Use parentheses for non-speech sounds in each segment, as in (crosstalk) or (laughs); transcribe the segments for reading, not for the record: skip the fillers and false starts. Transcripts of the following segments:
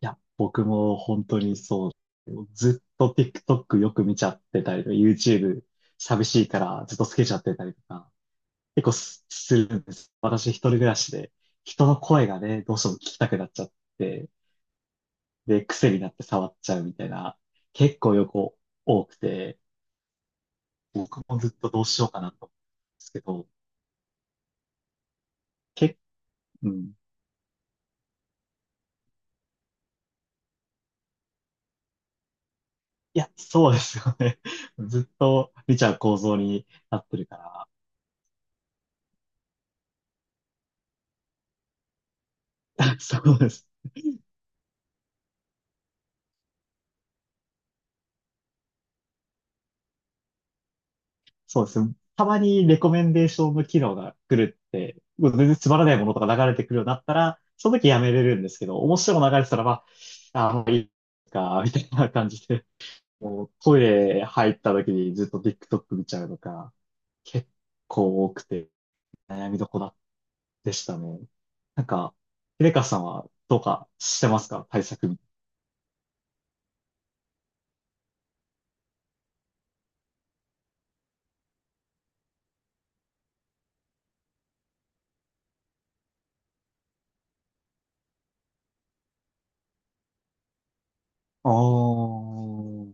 いや、僕も本当にそう。ずっと TikTok よく見ちゃってたりとか、YouTube 寂しいからずっとつけちゃってたりとか、結構すするんです。私一人暮らしで、人の声がね、どうしても聞きたくなっちゃって、で、癖になって触っちゃうみたいな、結構横多くて、僕もずっとどうしようかなと思うんですけど、け、うん。いや、そうですよね。(laughs) ずっと見ちゃう構造になってるから、(laughs) そうです。そうですね。たまにレコメンデーションの機能が来るって、もう全然つまらないものとか流れてくるようになったら、その時やめれるんですけど、面白いの流れてたら、まあ、もういいか、みたいな感じで、もうトイレ入った時にずっと TikTok 見ちゃうのか、結構多くて悩みどこだでしたね。なんか、レカさんはどうかしてますか対策み、あー、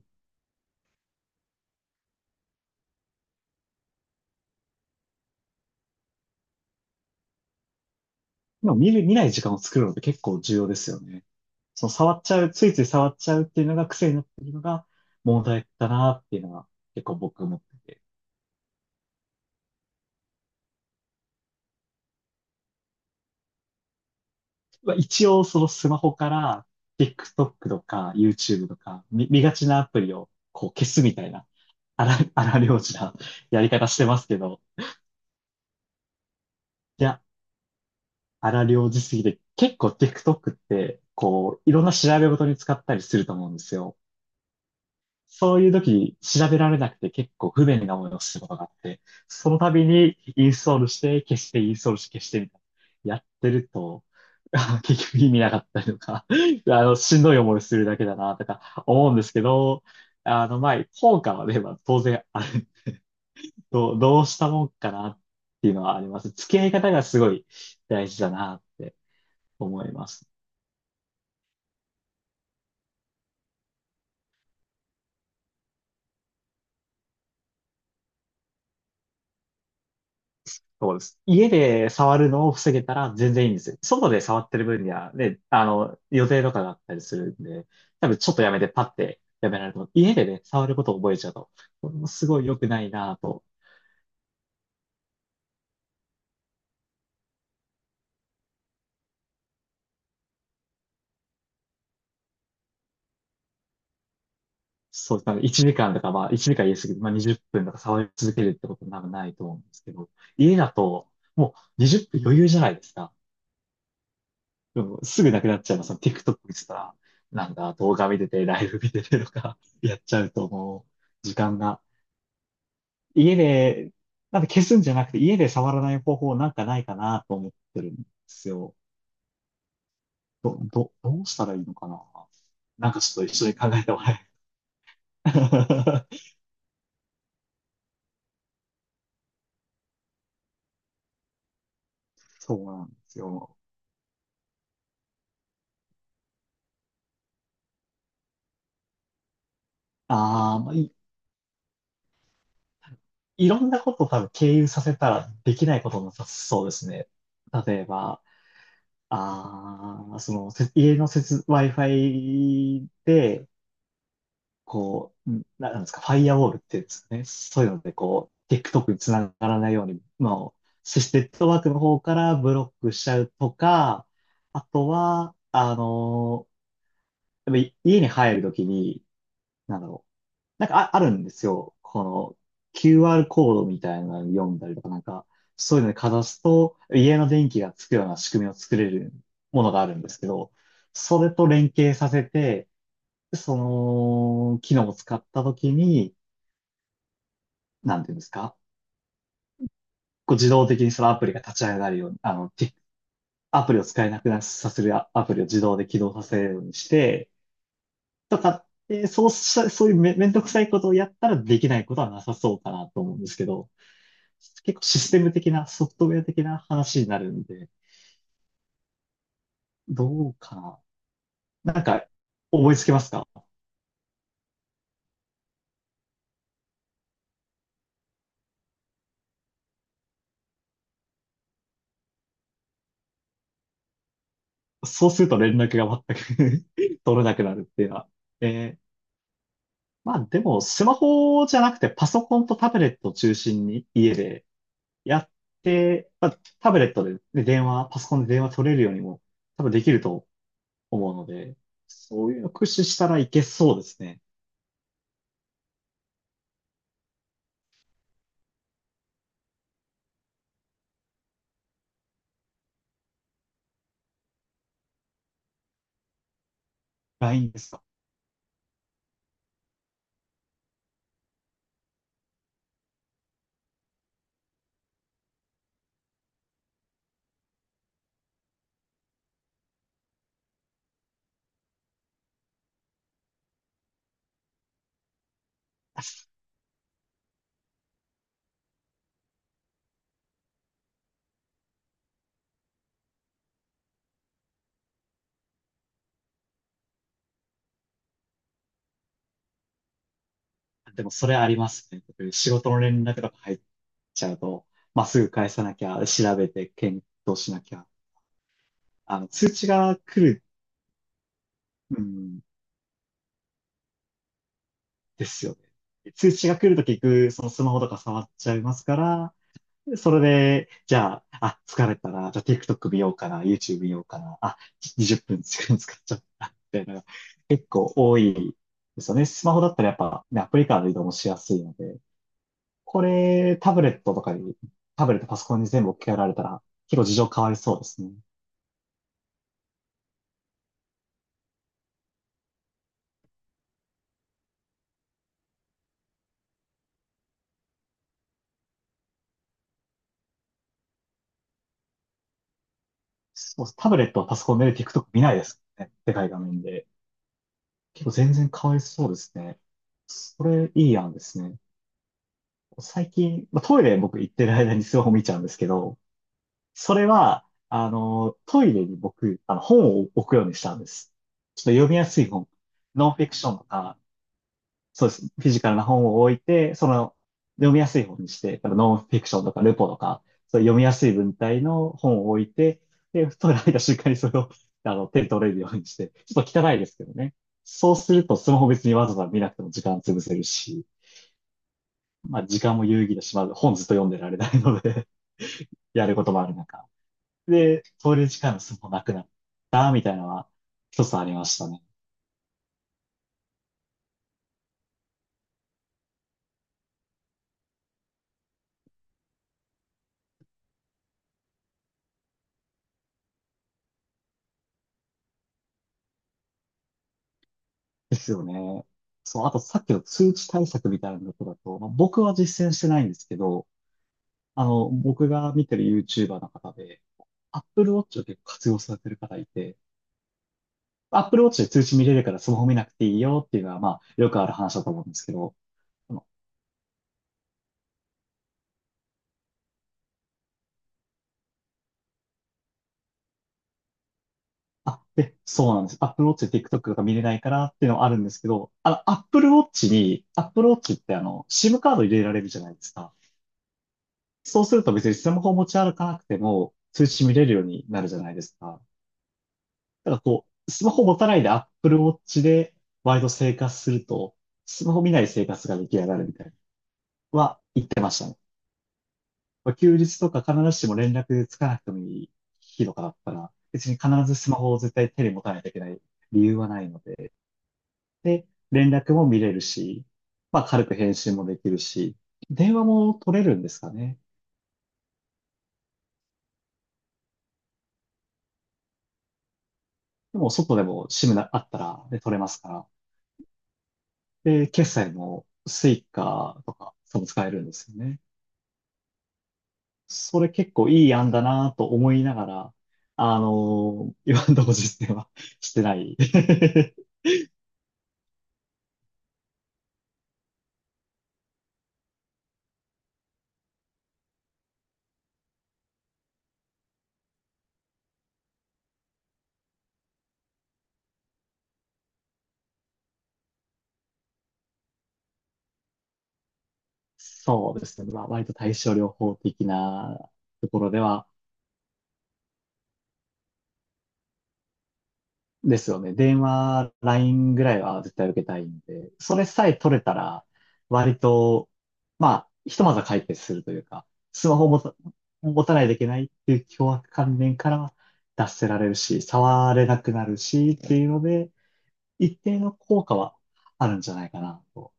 今見る、見ない時間を作るのって結構重要ですよね。その触っちゃう、ついつい触っちゃうっていうのが癖になってるのが問題だなっていうのは結構僕思ってて。まあ、一応そのスマホから TikTok とか YouTube とか見がちなアプリをこう消すみたいな荒療治な (laughs) やり方してますけど、いや、荒療治すぎて結構 TikTok ってこういろんな調べ事に使ったりすると思うんですよ。そういう時調べられなくて結構不便な思いをすることがあって、その度にインストールして消してインストールして消してみたいな。やってると、(laughs) 結局意味なかったりとか、(laughs) しんどい思いするだけだなとか思うんですけど、まあ、効果はね、まあ、当然ある。どう、どうしたもんかなっていうのはあります。付き合い方がすごい大事だなって思います。そうです。家で触るのを防げたら全然いいんですよ。外で触ってる分には、ね、予定とかがあったりするんで、多分ちょっとやめてパッてやめられると思う。家でね、触ることを覚えちゃうと、これもすごい良くないなぁと。そう、なので1時間とか、まあ1時間言い過ぎて、まあ20分とか触り続けるってことは多分ないと思うんですけど、家だともう20分余裕じゃないですか。でもすぐなくなっちゃいます。TikTok 見てたら、なんだ、動画見てて、ライブ見ててとか、やっちゃうと時間が家で、なんで消すんじゃなくて、家で触らない方法なんかないかなと思ってるんですよ。どうしたらいいのかな、なんかちょっと一緒に考えてもらえ。(laughs) そうなんですよ。ああ、まあ、い、いろんなことを多分経由させたらできないこともなさそうですね。例えば、家のWi-Fi で、こう、なんですか、ファイアウォールって言うんですかね。そういうので、こう、TikTok につながらないように、まあ、システムネットワークの方からブロックしちゃうとか、あとは、やっぱ家に入るときに、なんだろう。あるんですよ。この QR コードみたいなの読んだりとか、なんか、そういうのにかざすと、家の電気がつくような仕組みを作れるものがあるんですけど、それと連携させて、その機能を使ったときに、なんていうんですか、こう自動的にそのアプリが立ち上がるように、アプリを使えなくなさせるアプリを自動で起動させるようにして、とかって、そうした、そういうめんどくさいことをやったらできないことはなさそうかなと思うんですけど、結構システム的な、ソフトウェア的な話になるんで、どうかな。なんか、思いつきますか？そうすると連絡が全く (laughs) 取れなくなるっていうのは。えー、まあでも、スマホじゃなくてパソコンとタブレットを中心に家でやって、まあ、タブレットでね、で電話、パソコンで電話取れるようにも多分できると思うので、そういうの駆使したらいけそうですね。LINE ですか。(laughs) でもそれありますね。仕事の連絡とか入っちゃうと、まあ、すぐ返さなきゃ、調べて検討しなきゃ。通知が来る、うん、ですよね。通知が来ると結局、そのスマホとか触っちゃいますから、それで、じゃあ、あ、疲れたな。じゃあ TikTok 見ようかな。YouTube 見ようかな。あ、20分使っちゃったなみたいな、結構多いですよね。スマホだったらやっぱ、ね、アプリからの移動もしやすいので、これ、タブレットとかに、タブレットパソコンに全部置き換えられたら、結構事情変わりそうですね。そう、タブレットパソコンで TikTok 見ないですね。でかい画面で。結構全然変わりそうですね。それ、いい案ですね。最近、まあ、トイレ僕行ってる間にスマホ見ちゃうんですけど、それは、あの、トイレに僕、あの、本を置くようにしたんです。ちょっと読みやすい本。ノンフィクションとか、そうです。フィジカルな本を置いて、その、読みやすい本にして、だからノンフィクションとかルポとか、そういう読みやすい文体の本を置いて、で、トイレ入った瞬間にそれを、手に取れるようにして、ちょっと汚いですけどね。そうすると、スマホ別にわざわざ見なくても時間潰せるし、まあ、時間も有意義だし、まあ、本ずっと読んでられないので (laughs) やることもある中。で、通れる時間がすもなくなったみたいなのは一つありましたね。ですよね。そう、あとさっきの通知対策みたいなことだと、まあ、僕は実践してないんですけど、僕が見てる YouTuber の方で、Apple Watch を結構活用されてる方いて、Apple Watch で通知見れるからスマホ見なくていいよっていうのは、まあ、よくある話だと思うんですけど、あの、あ、で、そうなんです。Apple Watch で TikTok とか見れないからっていうのはあるんですけど、Apple Watch ってあの、SIM カード入れられるじゃないですか。そうすると別にスマホを持ち歩かなくても通知見れるようになるじゃないですか。だからこう、スマホ持たないで Apple Watch でワイド生活すると、スマホ見ない生活が出来上がるみたいな、は言ってましたね。まあ休日とか必ずしも連絡つかなくてもいい日とかだったら、別に必ずスマホを絶対手に持たないといけない理由はないので、で、連絡も見れるし、まあ軽く返信もできるし、電話も取れるんですかね。でも外でも SIM なあったら、で取れますから、で、決済もスイカとか、そう使えるんですよね。それ結構いい案だなと思いながら、(laughs) 今のところ実践は (laughs) してない。(laughs) そうですね。まあ、割と対症療法的なところではですよね。電話、LINE ぐらいは絶対受けたいんで、それさえ取れたら、割と、まあ、ひとまずは解決するというか、スマホを持た、持たないといけないっていう凶悪観念からは脱せられるし、触れなくなるしっていうので、一定の効果はあるんじゃないかなと。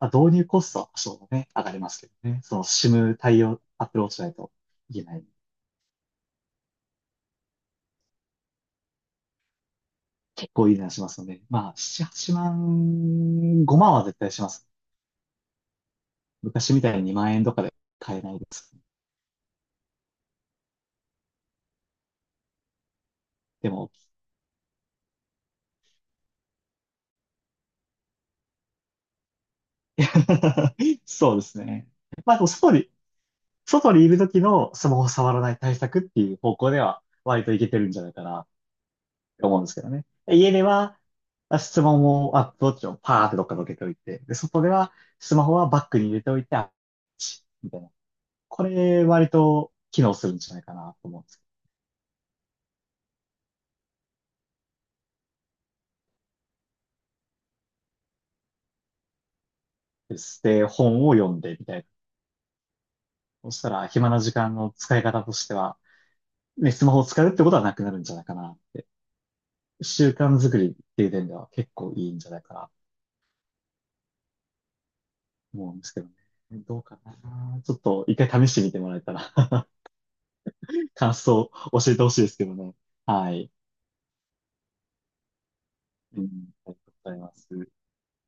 まあ、導入コストは多少ね、上がりますけどね。その SIM 対応、Apple Watch しないといけない。結構いい値段しますので、まあ、7、8万、5万は絶対しますね。昔みたいに2万円とかで買えないです。でも、(laughs) そうですね。まあ、でも外に、外にいる時のスマホ触らない対策っていう方向では、割といけてるんじゃないかなって思うんですけどね。家では、まあ質問を、アップウォッチをパーってどっかどけておいて、で、外では、スマホはバッグに入れておいて、あみたいな。これ、割と機能するんじゃないかなと思うんですけど。で、本を読んで、みたいな。そしたら、暇な時間の使い方としては、ね、スマホを使うってことはなくなるんじゃないかなって習慣作りっていう点では結構いいんじゃないかなと思うんですけどね。どうかな。ちょっと一回試してみてもらえたら (laughs) 感想を教えてほしいですけどね。はい。うん、ありがとうございます。